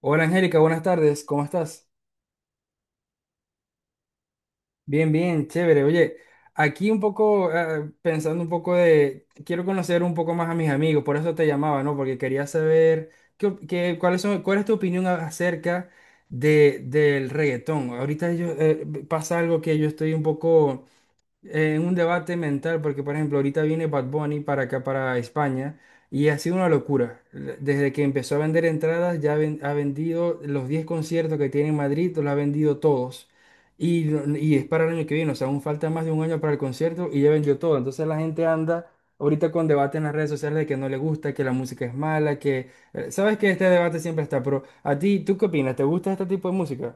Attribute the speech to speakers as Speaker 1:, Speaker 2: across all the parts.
Speaker 1: Hola Angélica, buenas tardes, ¿cómo estás? Bien, bien, chévere. Oye, aquí un poco pensando un poco quiero conocer un poco más a mis amigos, por eso te llamaba, ¿no? Porque quería saber cuáles son, cuál es tu opinión acerca del reggaetón. Ahorita yo, pasa algo que yo estoy un poco en un debate mental, porque por ejemplo, ahorita viene Bad Bunny para acá, para España, y ha sido una locura. Desde que empezó a vender entradas, ha vendido los 10 conciertos que tiene en Madrid, los ha vendido todos. Y, no- y es para el año que viene, o sea, aún falta más de un año para el concierto y ya vendió todo. Entonces la gente anda ahorita con debate en las redes sociales de que no le gusta, que la música es mala, sabes que este debate siempre está, pero a ti, ¿tú qué opinas? ¿Te gusta este tipo de música?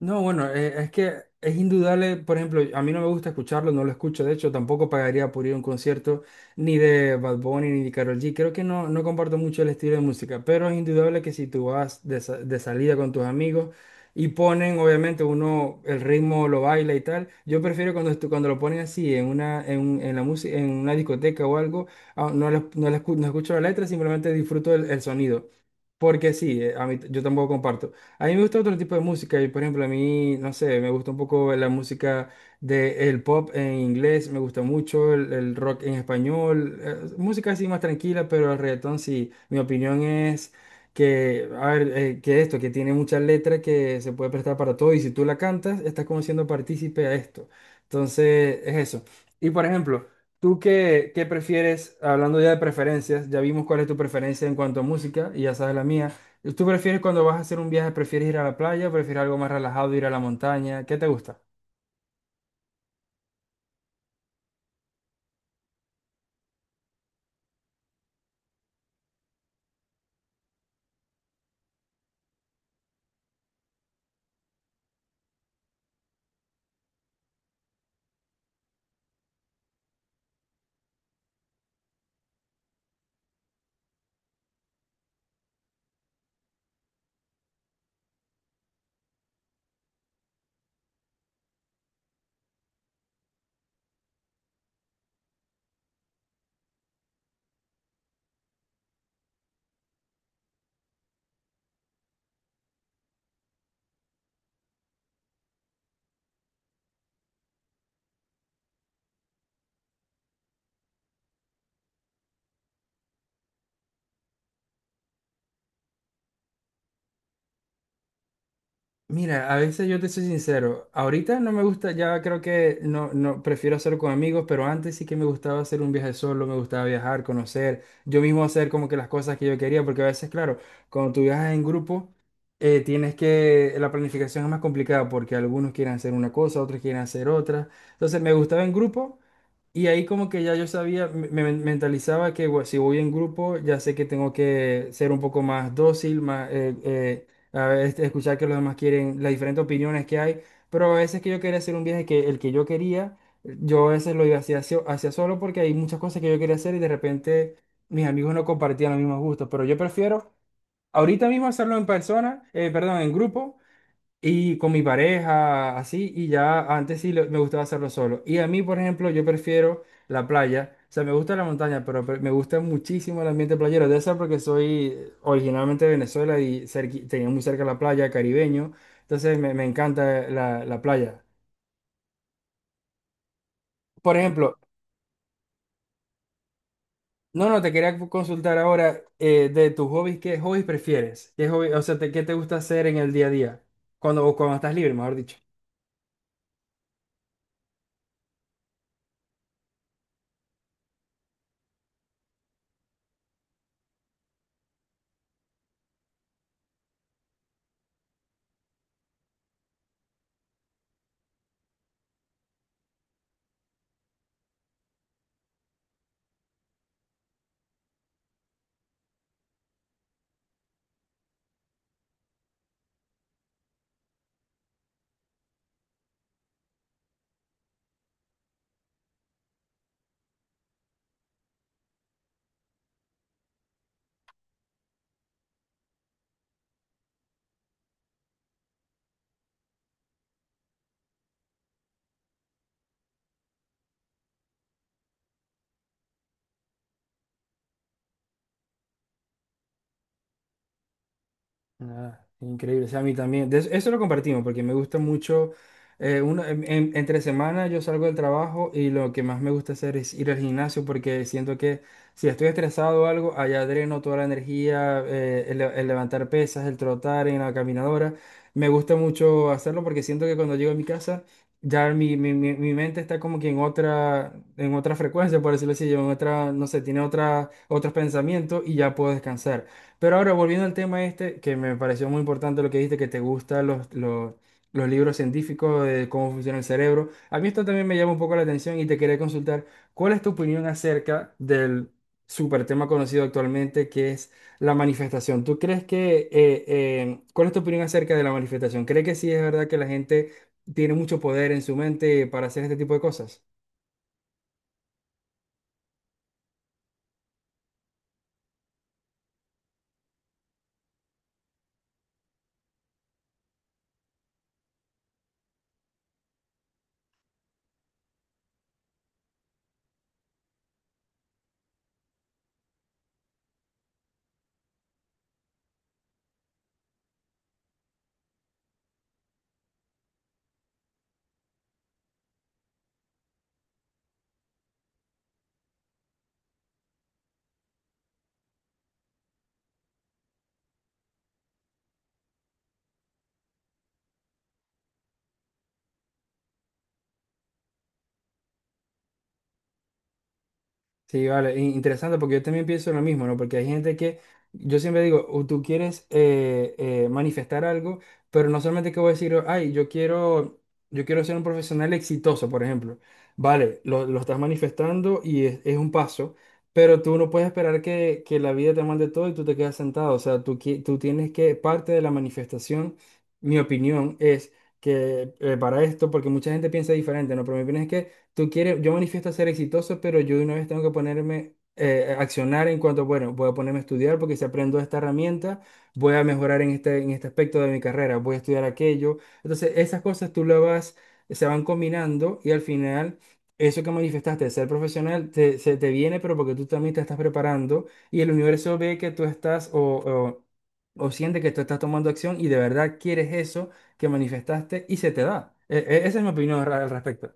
Speaker 1: No, bueno, es que es indudable, por ejemplo, a mí no me gusta escucharlo, no lo escucho, de hecho, tampoco pagaría por ir a un concierto ni de Bad Bunny ni de Karol G. Creo que no, no comparto mucho el estilo de música, pero es indudable que si tú vas de salida con tus amigos y ponen, obviamente, uno el ritmo lo baila y tal, yo prefiero cuando lo ponen así en una, en la música, en una discoteca o algo, no escucho la letra, simplemente disfruto el sonido. Porque sí, a mí, yo tampoco comparto. A mí me gusta otro tipo de música y por ejemplo a mí, no sé, me gusta un poco la música del pop en inglés, me gusta mucho el rock en español, música así más tranquila, pero el reggaetón sí, mi opinión es que, a ver, que esto, que tiene muchas letras que se puede prestar para todo y si tú la cantas, estás como siendo partícipe a esto. Entonces, es eso. Y por ejemplo, ¿tú qué prefieres? Hablando ya de preferencias, ya vimos cuál es tu preferencia en cuanto a música y ya sabes la mía. ¿Tú prefieres cuando vas a hacer un viaje, prefieres ir a la playa o prefieres algo más relajado, ir a la montaña? ¿Qué te gusta? Mira, a veces yo te soy sincero, ahorita no me gusta, ya creo que no, no, prefiero hacerlo con amigos, pero antes sí que me gustaba hacer un viaje solo, me gustaba viajar, conocer, yo mismo hacer como que las cosas que yo quería, porque a veces, claro, cuando tú viajas en grupo, tienes que, la planificación es más complicada porque algunos quieren hacer una cosa, otros quieren hacer otra, entonces me gustaba en grupo. Y ahí como que ya yo sabía, me mentalizaba que bueno, si voy en grupo, ya sé que tengo que ser un poco más dócil, más, a ver, este, escuchar que los demás quieren, las diferentes opiniones que hay. Pero a veces que yo quería hacer un viaje que el que yo quería, yo a veces lo iba hacia solo porque hay muchas cosas que yo quería hacer y de repente mis amigos no compartían los mismos gustos. Pero yo prefiero ahorita mismo hacerlo en persona, perdón, en grupo y con mi pareja, así, y ya antes me gustaba hacerlo solo. Y a mí, por ejemplo, yo prefiero la playa. O sea, me gusta la montaña, pero me gusta muchísimo el ambiente playero. Debe ser porque soy originalmente de Venezuela y tenía muy cerca la playa, caribeño. Entonces me encanta la playa. Por ejemplo, no, no, te quería consultar ahora de tus hobbies, ¿qué hobbies prefieres? ¿Qué hobby, o sea, qué te gusta hacer en el día a día? Cuando, o cuando estás libre, mejor dicho. Ah, increíble, o sea, a mí también. De eso, eso lo compartimos porque me gusta mucho. Uno, entre semana yo salgo del trabajo y lo que más me gusta hacer es ir al gimnasio porque siento que si estoy estresado o algo, allá dreno toda la energía, el levantar pesas, el trotar en la caminadora. Me gusta mucho hacerlo porque siento que cuando llego a mi casa ya mi mente está como que en otra frecuencia, por decirlo así, yo en otra, no sé, tiene otra, otros pensamientos y ya puedo descansar. Pero ahora, volviendo al tema este, que me pareció muy importante lo que dijiste, que te gustan los libros científicos de cómo funciona el cerebro. A mí esto también me llama un poco la atención y te quería consultar, ¿cuál es tu opinión acerca del super tema conocido actualmente que es la manifestación? ¿Tú crees que, cuál es tu opinión acerca de la manifestación? ¿Crees que sí es verdad que la gente tiene mucho poder en su mente para hacer este tipo de cosas? Sí, vale, interesante porque yo también pienso lo mismo, ¿no? Porque hay gente que, yo siempre digo, o tú quieres manifestar algo, pero no solamente que voy a decir, ay, yo quiero ser un profesional exitoso, por ejemplo. Vale, lo estás manifestando y es un paso, pero tú no puedes esperar que la vida te mande todo y tú te quedas sentado. O sea, tú, tú tienes que, parte de la manifestación, mi opinión es que para esto, porque mucha gente piensa diferente, ¿no? Pero mi opinión es que tú quieres, yo manifiesto ser exitoso, pero yo de una vez tengo que ponerme, accionar en cuanto, bueno, voy a ponerme a estudiar porque si aprendo esta herramienta, voy a mejorar en este aspecto de mi carrera, voy a estudiar aquello. Entonces, esas cosas tú las vas, se van combinando y al final... Eso que manifestaste de ser profesional te, se te viene, pero porque tú también te estás preparando y el universo ve que tú estás o siente que tú estás tomando acción y de verdad quieres eso que manifestaste y se te da. Esa es mi opinión al respecto.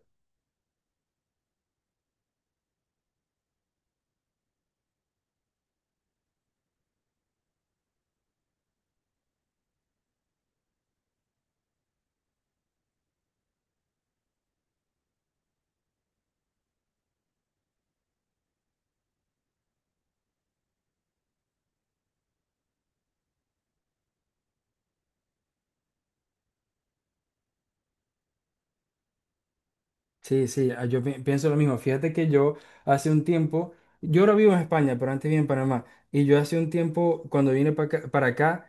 Speaker 1: Sí, sí, ah, yo pienso lo mismo. Fíjate que yo hace un tiempo, yo ahora vivo en España, pero antes vivía en Panamá. Y yo hace un tiempo, cuando vine para acá,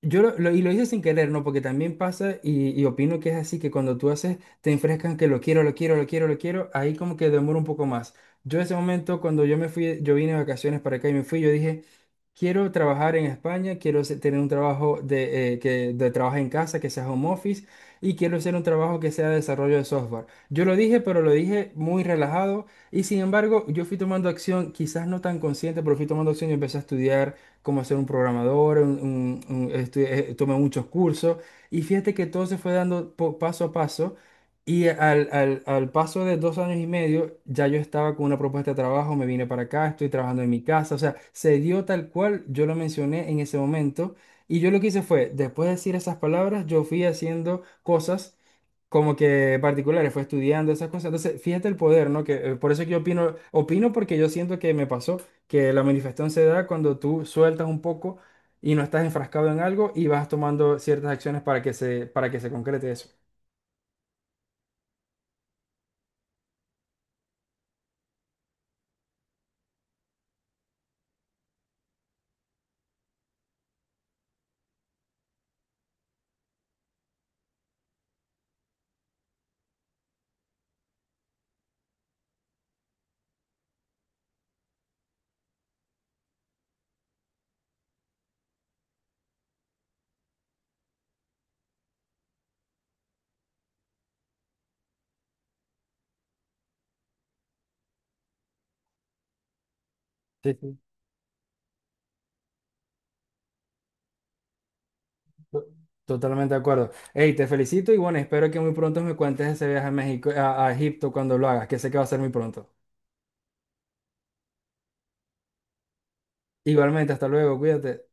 Speaker 1: y lo hice sin querer, ¿no? Porque también pasa y opino que es así, que cuando tú haces, te enfrescan que lo quiero, lo quiero, lo quiero, lo quiero, ahí como que demora un poco más. Yo ese momento, cuando yo me fui, yo vine de vacaciones para acá y me fui, yo dije, quiero trabajar en España, tener un trabajo de, de trabajo en casa, que sea home office, y quiero hacer un trabajo que sea de desarrollo de software. Yo lo dije, pero lo dije muy relajado, y sin embargo, yo fui tomando acción, quizás no tan consciente, pero fui tomando acción y empecé a estudiar cómo ser un programador, tomé muchos cursos y fíjate que todo se fue dando paso a paso y al paso de 2 años y medio ya yo estaba con una propuesta de trabajo, me vine para acá, estoy trabajando en mi casa, o sea, se dio tal cual yo lo mencioné en ese momento y yo lo que hice fue, después de decir esas palabras, yo fui haciendo cosas como que particulares, fue estudiando esas cosas. Entonces, fíjate el poder, ¿no? Que por eso que yo opino, opino porque yo siento que me pasó que la manifestación se da cuando tú sueltas un poco y no estás enfrascado en algo y vas tomando ciertas acciones para que se concrete eso. Sí, sí. To- Totalmente de acuerdo. Hey, te felicito y bueno, espero que muy pronto me cuentes ese viaje a México, a Egipto cuando lo hagas, que sé que va a ser muy pronto. Igualmente, hasta luego, cuídate.